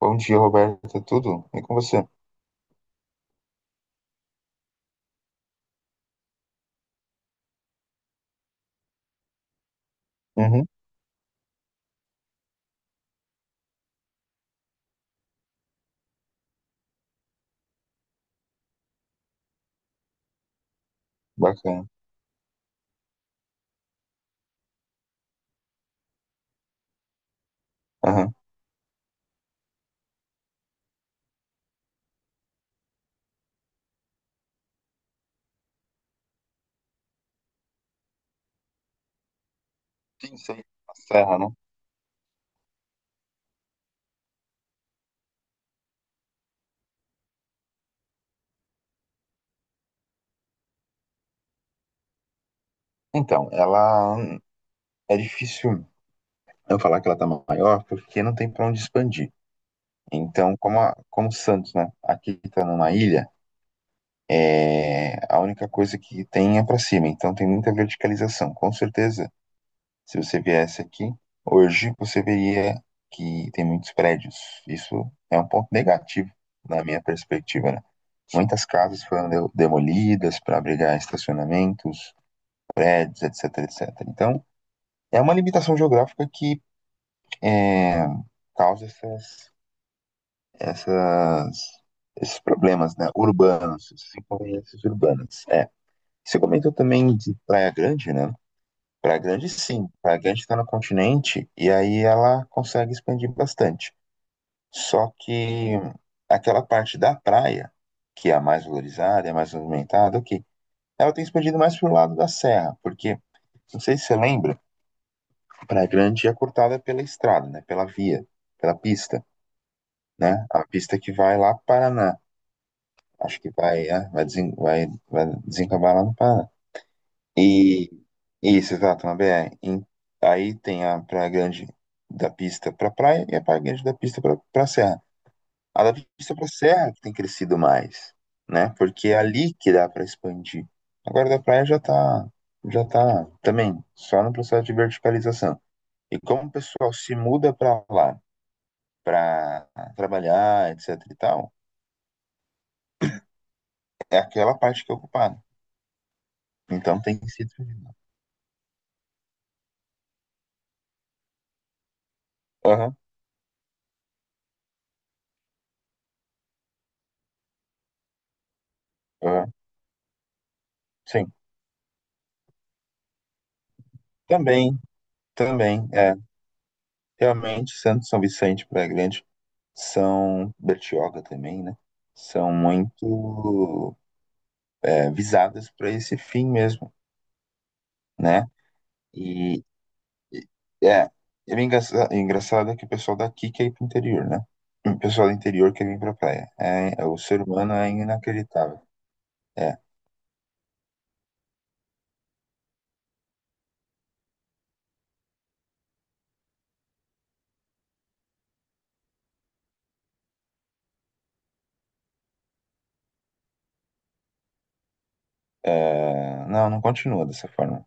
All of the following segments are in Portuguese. Bom dia, Roberta. Tudo? E com você? Uhum, bacana. Aham. Sim, sei. A serra, né? Então, ela é difícil eu falar que ela tá maior porque não tem pra onde expandir. Então, como, como Santos, né? Aqui tá numa ilha, a única coisa que tem é pra cima. Então, tem muita verticalização. Com certeza, se você viesse aqui hoje, você veria que tem muitos prédios. Isso é um ponto negativo na minha perspectiva, né? Muitas casas foram demolidas para abrigar estacionamentos, prédios, etc, etc. Então, é uma limitação geográfica que é, causa essas, esses problemas, né, urbanos, essas inconveniências urbanas. É. Você comentou também de Praia Grande, né? Praia Grande, sim. Praia Grande está no continente e aí ela consegue expandir bastante. Só que aquela parte da praia, que é a mais valorizada, é a mais movimentada, ok. Ela tem expandido mais para o lado da serra, porque, não sei se você lembra, Praia Grande é cortada pela estrada, né? Pela via, pela pista, né? A pista que vai lá para Paraná. Acho que vai, é, vai, desen, vai, vai desencavar lá no Paraná. E isso, exato, na BR. Aí tem a Praia Grande da pista para praia e a Praia Grande da pista para serra. A da pista para serra que tem crescido mais, né? Porque é ali que dá para expandir. Agora da praia já tá, também só no processo de verticalização. E como o pessoal se muda para lá para trabalhar, etc e tal, é aquela parte que é ocupada. Então tem sido ser dividido. Aham, aham, sim. Também, também, é. Realmente, Santos, São Vicente, Praia Grande, são Bertioga também, né? São muito visadas para esse fim mesmo, né? E e- é, é bem engraçado é que o pessoal daqui quer ir pro interior, né? O pessoal do interior quer vir pra praia. É, é, o ser humano é inacreditável. É, é, não, não continua dessa forma.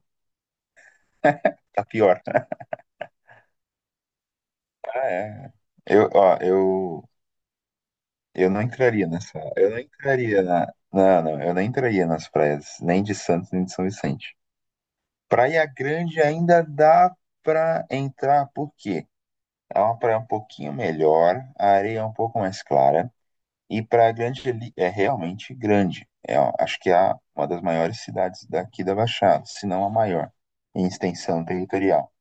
Tá pior. Ah, é. Eu, ó, eu, eu não entraria nessa. Eu não entraria na. Não, não, eu não entraria nas praias, nem de Santos, nem de São Vicente. Praia Grande ainda dá pra entrar, por quê? É uma praia um pouquinho melhor, a areia é um pouco mais clara. E Praia Grande ali é realmente grande. É, ó, acho que uma das maiores cidades daqui da Baixada, se não a maior, em extensão territorial.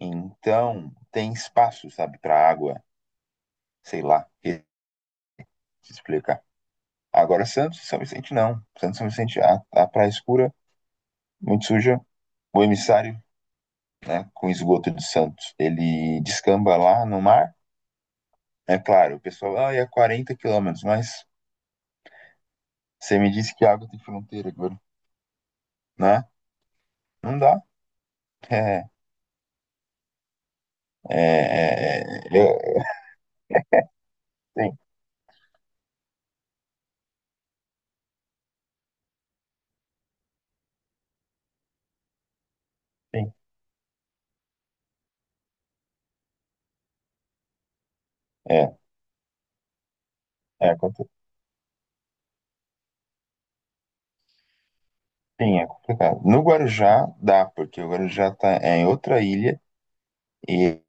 Então, tem espaço, sabe, para água, sei lá, que te explicar. Agora, Santos e São Vicente não. Santos e São Vicente, a praia escura, muito suja. O emissário, né, com esgoto de Santos, ele descamba lá no mar. É claro, o pessoal, ah, é 40 quilômetros, mas você me disse que a água tem fronteira, agora, né? Não dá. É, É, é, é, eu- sim, sim, é, é, contra- sim, é complicado. No Guarujá dá, porque o Guarujá tá, é em outra ilha e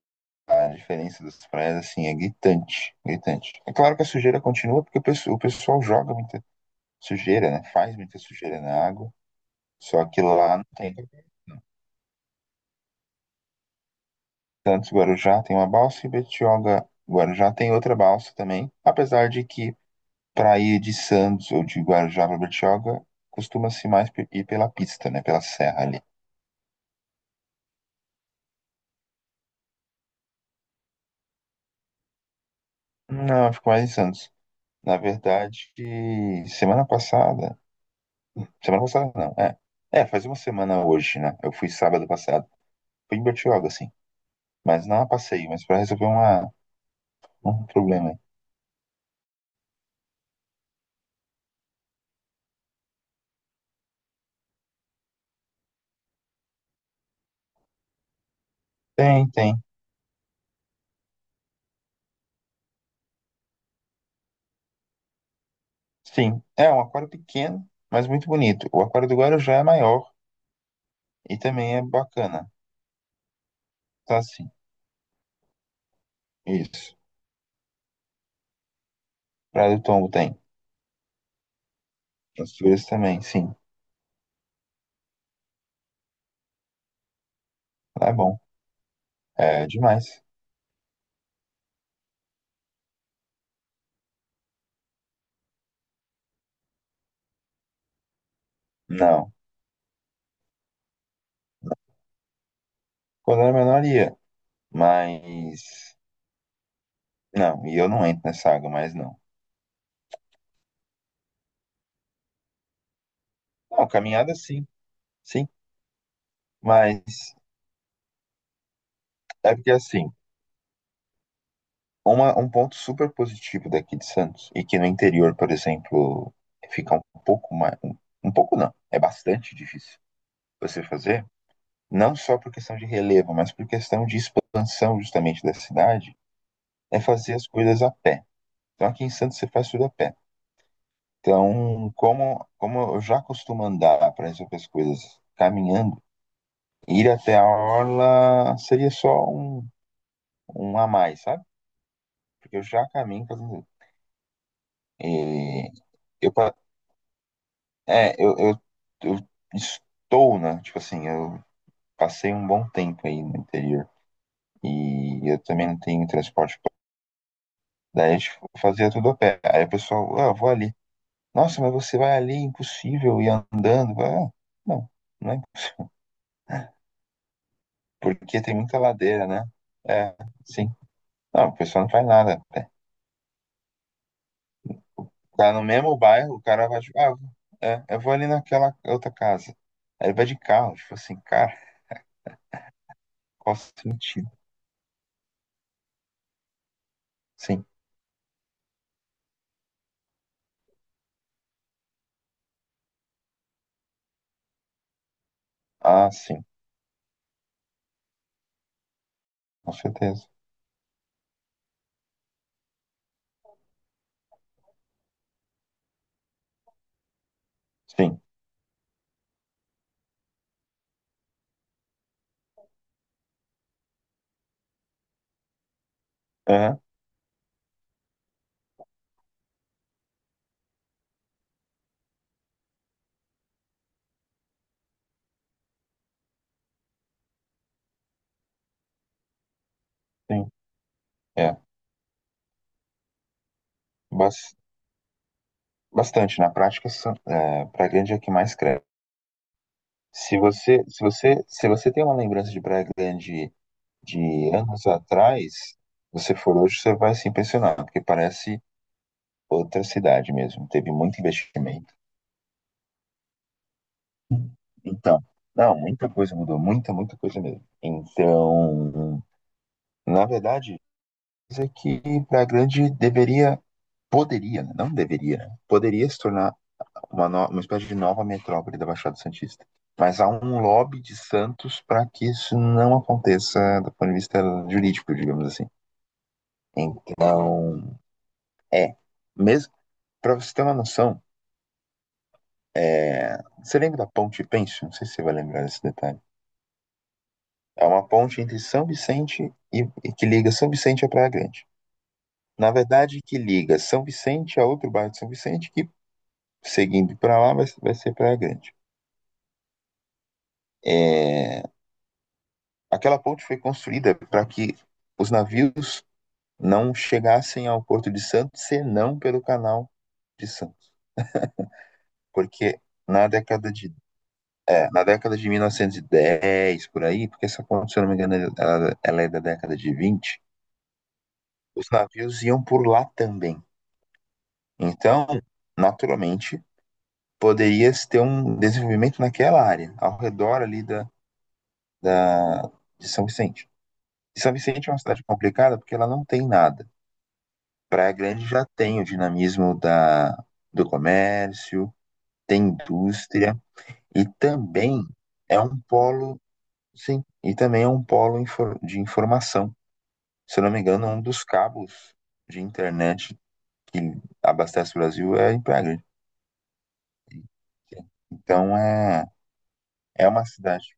a diferença das praias, assim, é gritante, gritante. É claro que a sujeira continua porque o pessoal joga muita sujeira, né? Faz muita sujeira na água, só que lá não tem tantos Guarujá, tem uma balsa e Betioga, Guarujá tem outra balsa também, apesar de que para ir de Santos ou de Guarujá para Betioga costuma-se mais ir pela pista, né? Pela serra ali. Não, ficou mais de Santos. Na verdade, semana passada. Semana passada não, é. É, faz uma semana hoje, né? Eu fui sábado passado. Fui em Bertioga, sim. Mas não a passeio, mas pra resolver um problema aí. Tem, tem. Sim. É um aquário pequeno, mas muito bonito. O aquário do Guarujá é maior e também é bacana. Tá sim. Isso. Praia do Tombo tem. As figuras também, sim. Lá é bom. É demais. Não. Quando era menor ia. Mas. Não, e eu não entro nessa água mais, não. Não, caminhada sim, sim. Mas é porque assim, um ponto super positivo daqui de Santos, e que no interior, por exemplo, fica um pouco mais. Um pouco não, é bastante difícil você fazer, não só por questão de relevo, mas por questão de expansão justamente da cidade, é fazer as coisas a pé. Então aqui em Santos você faz tudo a pé. Então, como eu já costumo andar para resolver as coisas caminhando, ir até a orla seria só um a mais, sabe? Porque eu já caminho fazendo isso. E eu, pa- é, eu estou, né? Tipo assim, eu passei um bom tempo aí no interior. E eu também não tenho transporte público. Daí a gente fazia tudo a pé. Aí o pessoal, ah, eu vou ali. Nossa, mas você vai ali, é impossível ir andando. Eu falei, ah, não, não é impossível. Porque tem muita ladeira, né? É, sim. Não, o pessoal não faz nada. Tá no mesmo bairro, o cara vai, tipo, ah, eu vou ali naquela outra casa. Aí ele vai de carro, tipo assim, cara, qual o sentido? Sim. Ah, sim, com certeza. Sim. Aham, sim. É. Bas- Bastante. Na prática, Praia Grande é a que mais cresce. Se você tem uma lembrança de Praia Grande de anos atrás, você for hoje, você vai se impressionar, porque parece outra cidade mesmo. Teve muito investimento. Então, não, muita coisa mudou, muita, muita coisa mesmo. Então, na verdade, coisa que Praia Grande deveria, poderia, né? Não deveria, né? Poderia se tornar uma, no- uma espécie de nova metrópole da Baixada Santista. Mas há um lobby de Santos para que isso não aconteça do ponto de vista jurídico, digamos assim. Então, é, mesmo, para você ter uma noção, é, você lembra da Ponte Pênsil? Não sei se você vai lembrar desse detalhe. É uma ponte entre São Vicente e que liga São Vicente a Praia Grande. Na verdade, que liga São Vicente a outro bairro de São Vicente, que seguindo para lá vai ser Praia Grande. É, aquela ponte foi construída para que os navios não chegassem ao Porto de Santos senão pelo Canal de Santos, porque na década de na década de 1910 por aí, porque essa ponte, se eu não me engano, ela é da década de 20, os navios iam por lá também. Então, naturalmente, poderia-se ter um desenvolvimento naquela área, ao redor ali da, de São Vicente. E São Vicente é uma cidade complicada porque ela não tem nada. Praia Grande já tem o dinamismo da, do comércio, tem indústria e também é um polo, sim, e também é um polo de informação. Se eu não me engano, um dos cabos de internet que abastece o Brasil é em Praia Grande. Então é uma cidade.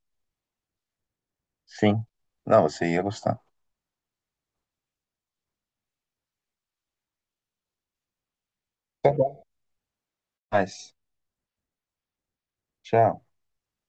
Sim. Não, você ia gostar. Tá bom. Mas, tchau.